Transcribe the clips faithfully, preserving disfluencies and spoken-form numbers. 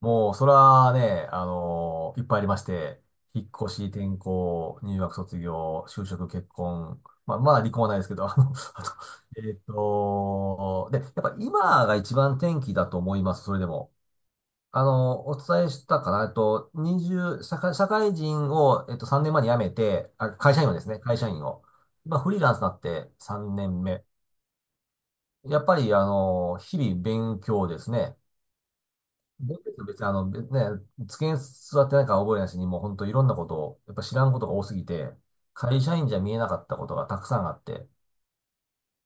もう、それはね、あのーいっぱいありまして、引っ越し、転校、入学、卒業、就職、結婚、まあ、まだ離婚はないですけど、あの、あと、えーっと、で、やっぱ今が一番転機だと思います、それでも。あの、お伝えしたかな、えっと、にじゅう、社会、社会人を、えっと、さんねんまえに辞めて、あ、会社員をですね、会社員を。まあフリーランスになってさんねんめ。やっぱり、あの、日々勉強ですね。別に、別にあの、別ね、机に座ってないから覚えないしに、もう本当いろんなことを、やっぱ知らんことが多すぎて、会社員じゃ見えなかったことがたくさんあって、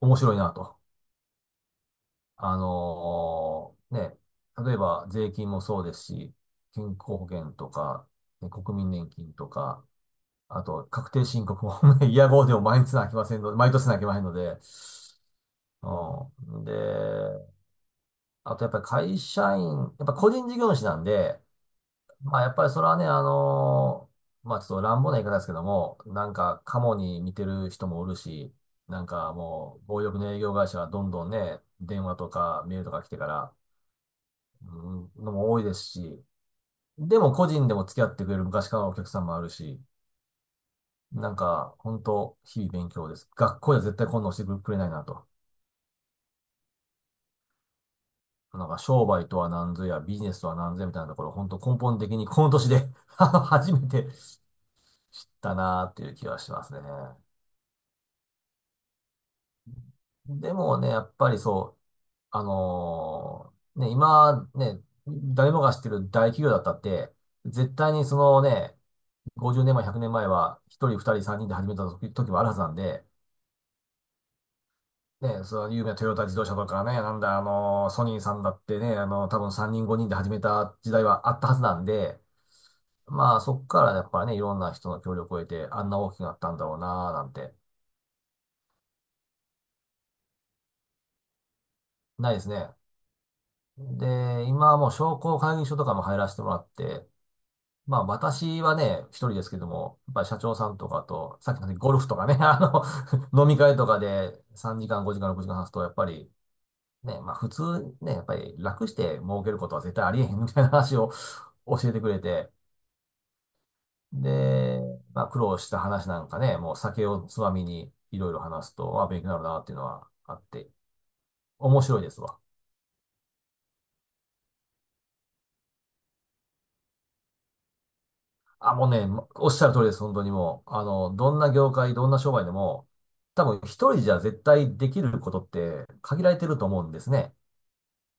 面白いなと。あのーね、例えば税金もそうですし、健康保険とか、ね国民年金とか、あと確定申告も ね、イヤゴーでも毎日なきませんので、毎年なきませんので、うん。で、あとやっぱり会社員、やっぱ個人事業主なんで、まあ、やっぱりそれはね、あのーまあ、ちょっと乱暴な言い方ですけども、なんか、カモに似てる人もおるし、なんかもう、暴力の営業会社はどんどんね、電話とかメールとか来てから、うん、のも多いですし、でも個人でも付き合ってくれる昔からのお客さんもあるし、なんか、本当日々勉強です。学校では絶対こんなのしてくれないなと。なんか、商売とは何ぞや、ビジネスとは何ぞやみたいなところ、本当根本的にこの年で 初めて知ったなーっていう気がしますね。でもね、やっぱりそう、あのーね、今、ね、誰もが知ってる大企業だったって、絶対にそのね、ごじゅうねんまえ、ひゃくねんまえは、ひとり、ふたり、さんにんで始めた時、時もあるはずなんで、ね、その有名なトヨタ自動車とかね、なんだ、あのーソニーさんだってね、あの多分さんにん、ごにんで始めた時代はあったはずなんで、まあ、そっからやっぱね、いろんな人の協力を得て、あんな大きくなったんだろうな、なんて、ないですね。で、今はもう商工会議所とかも入らせてもらって、まあ私はね、一人ですけども、やっぱり社長さんとかと、さっきのねゴルフとかね、あの、飲み会とかでさんじかん、ごじかん、ろくじかん話すと、やっぱりね、まあ普通ね、やっぱり楽して儲けることは絶対ありえへんみたいな話を 教えてくれて、で、まあ苦労した話なんかね、もう酒をつまみにいろいろ話すと、あ、勉強になるなっていうのはあって、面白いですわ。あ、もうね、おっしゃる通りです、本当にもう。あの、どんな業界、どんな商売でも、多分一人じゃ絶対できることって限られてると思うんですね。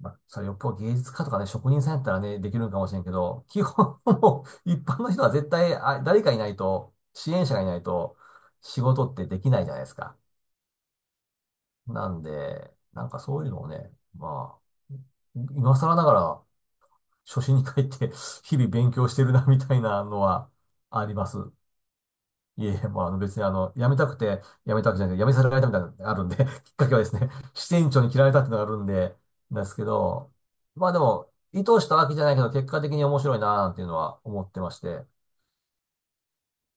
まあ、それよっぽど芸術家とかね、職人さんやったらね、できるのかもしれんけど、基本もう一般の人は絶対、あ、誰かいないと、支援者がいないと、仕事ってできないじゃないですか。なんで、なんかそういうのをね、まあ、今更ながら初心に帰って日々勉強してるな、みたいなのはあります。いえ、もうあの別にあの、辞めたくて辞めたわけじゃなくて、辞めさせられたみたいなのがあるんで きっかけはですね、支店長に嫌われたっていうのがあるんで、なんですけど、まあでも、意図したわけじゃないけど、結果的に面白いなーっていうのは思ってまして、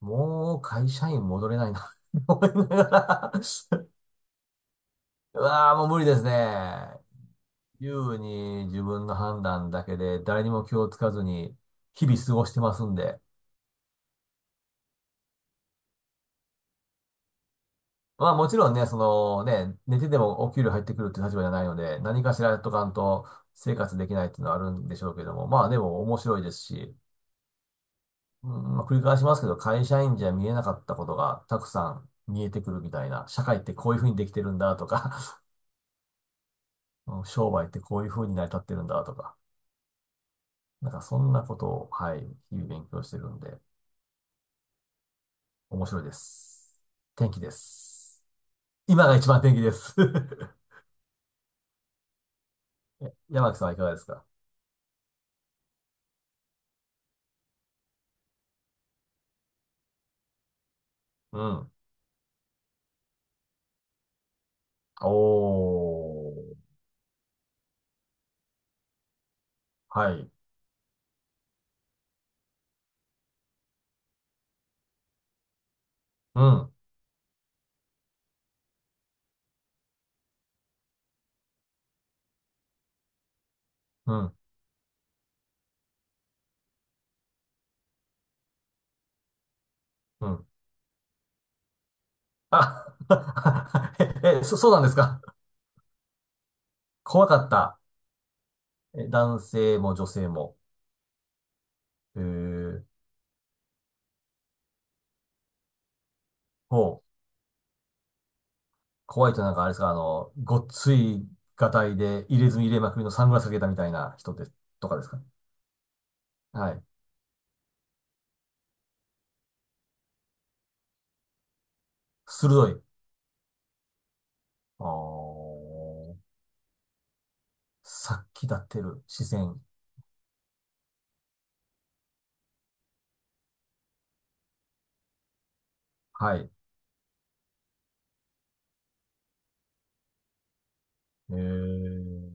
もう会社員戻れないな 思いながら うわーもう無理ですね。自由に自分の判断だけで、誰にも気をつかずに、日々過ごしてますんで、まあもちろんね、そのね、寝ててもお給料入ってくるっていう立場じゃないので、何かしらやっとかんと生活できないっていうのはあるんでしょうけども、まあでも面白いですし、うん、まあ繰り返しますけど、会社員じゃ見えなかったことがたくさん見えてくるみたいな、社会ってこういうふうにできてるんだとか、うん、商売ってこういうふうに成り立ってるんだとか、なんかそんなことを、はい、日々勉強してるんで、面白いです。天気です。今が一番天気です。山木さんはいかがですか？うん。おー。はい。うん、うん、うん。あ、え、えそ、そうなんですか？怖かった。え、男性も女性も。えー、ほう。怖いとなんかあれですか、あの、ごっついガタイで入れ墨入れまくりのサングラスかけたみたいな人で、とかですか？はい。鋭い。あー。殺気立ってる視線。はい。えー、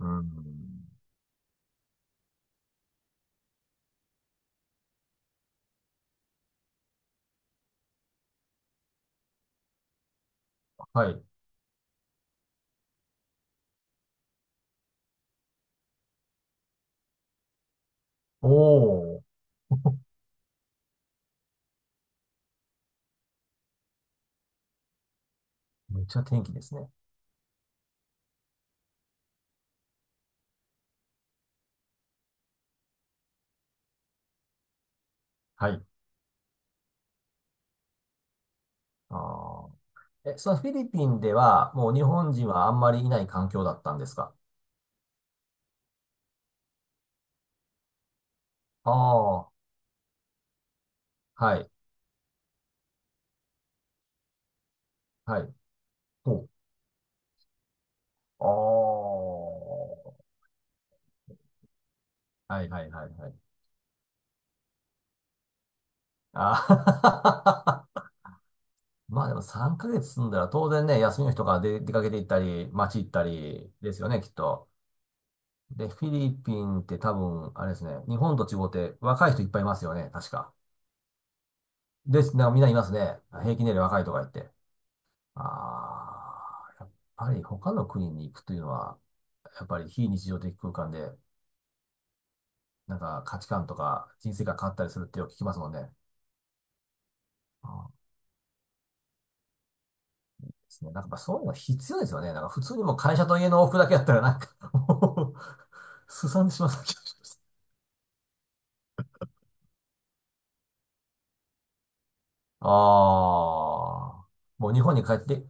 うん。はい。おー。めっちゃ天気ですね。はい。ああ。え、そのフィリピンでは、もう日本人はあんまりいない環境だったんですか？ああ、はい、はい。ほう。ああ。はい、はい、はい、はい。ああ。 まあでもさんかげつ住んだら当然ね、休みの日とかで出かけて行ったり、街行ったりですよね、きっと。で、フィリピンって多分、あれですね、日本と違って若い人いっぱいいますよね、確か。です、なんかみんないますね。平均年齢若いとか言って。ああ、やっぱり他の国に行くというのは、やっぱり非日常的空間で、なんか価値観とか人生が変わったりするってよく聞きますもんね。あーですね。なんかやっぱそういうのが必要ですよね。なんか普通にもう会社と家の往復だけやったらなんか、もう、すさんでしまった気がします。ああ、もう日本に帰って、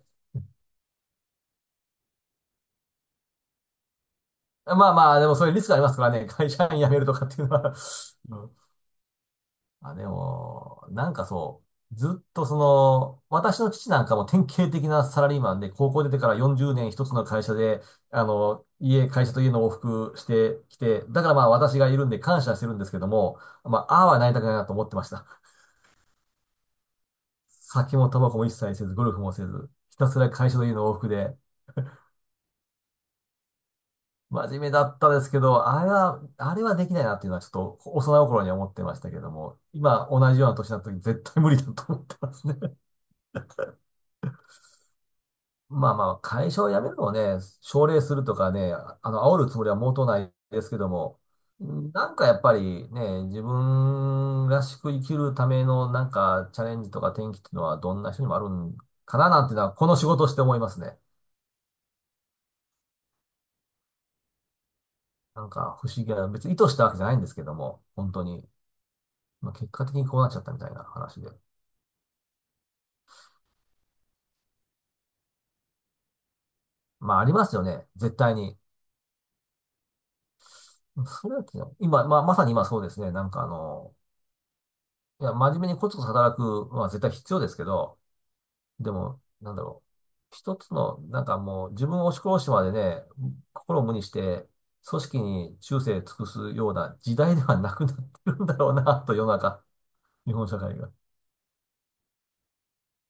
まあまあ、でもそういうリスクありますからね。会社員辞めるとかっていうのは、うん。あ、でも、なんかそう、ずっとその、私の父なんかも典型的なサラリーマンで、高校出てからよんじゅうねん一つの会社で、あの、家、会社と家の往復してきて、だからまあ私がいるんで感謝してるんですけども、まあ、ああはなりたくないなと思ってました。酒もタバコも一切せず、ゴルフもせず、ひたすら会社と家の往復で、真面目だったですけど、あれは、あれはできないなっていうのはちょっと幼い頃には思ってましたけども、今同じような年になった時絶対無理だと思ってますね。まあまあ、会社を辞めるのをね、奨励するとかね、あの、煽るつもりは毛頭ないですけども、うん。なんかやっぱりね、自分らしく生きるためのなんかチャレンジとか転機っていうのはどんな人にもあるんかななんていうのは、この仕事をして思いますね。なんか不思議な、別に意図したわけじゃないんですけども、本当に。まあ、結果的にこうなっちゃったみたいな話で。まあありますよね、絶対に。それは昨日今、まあまさに今そうですね、なんかあの、いや、真面目にコツコツ働くのは絶対必要ですけど、でも、なんだろう。一つの、なんかもう自分を押し殺してまでね、心を無にして、組織に忠誠尽くすような時代ではなくなってるんだろうな、と世の中、日本社会が。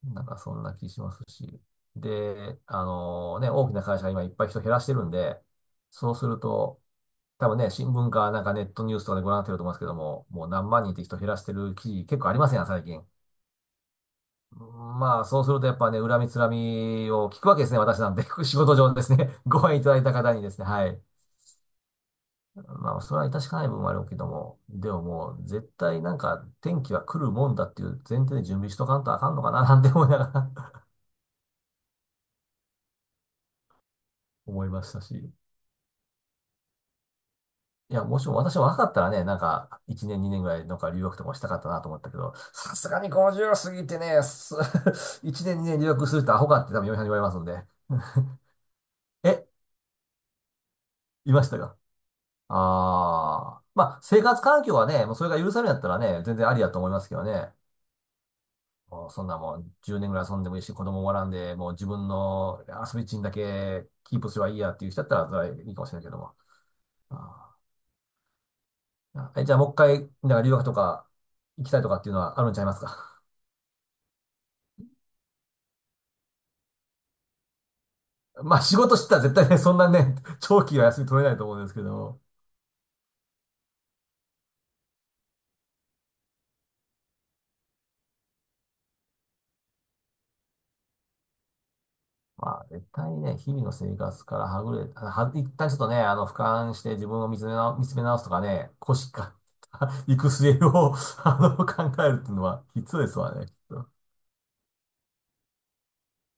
なんかそんな気しますし。で、あのね、大きな会社が今いっぱい人減らしてるんで、そうすると、多分ね、新聞かなんかネットニュースとかでご覧になってると思いますけども、もう何万人って人減らしてる記事結構ありませんよ、最近。まあ、そうするとやっぱね、恨みつらみを聞くわけですね、私なんで。仕事上ですね、ご飯いただいた方にですね、はい。まあ、それは致し方ない部分もあるけども、でももう、絶対なんか、天気は来るもんだっていう前提で準備しとかんとあかんのかな、なんて思いながら 思いましたし。いや、もしも私も若かったらね、なんか、いちねん、にねんぐらい、なんか留学とかしたかったなと思ったけど、さすがにごじゅう過ぎてね、す いちねん、にねん留学するとアホかって多分嫁さんに言われますので。え、いましたか？ああ。まあ、生活環境はね、もうそれが許されるんだったらね、全然ありだと思いますけどね。もうそんなもん、じゅうねんぐらい遊んでもいいし、子供もおらんで、もう自分の遊び地にだけキープすればいいやっていう人だったら、それはいいかもしれないけども。あーえ、じゃあもう一回、なんか留学とか行きたいとかっていうのはあるんちゃいますか？ まあ、仕事してたら絶対ね、そんなね、長期は休み取れないと思うんですけども。まあ、絶対にね、日々の生活からはぐれ、は、一旦ちょっとね、あの、俯瞰して自分を見つめな、見つめ直すとかね、腰から 行く末を あの、考えるっていうのは必要ですわね、きっと。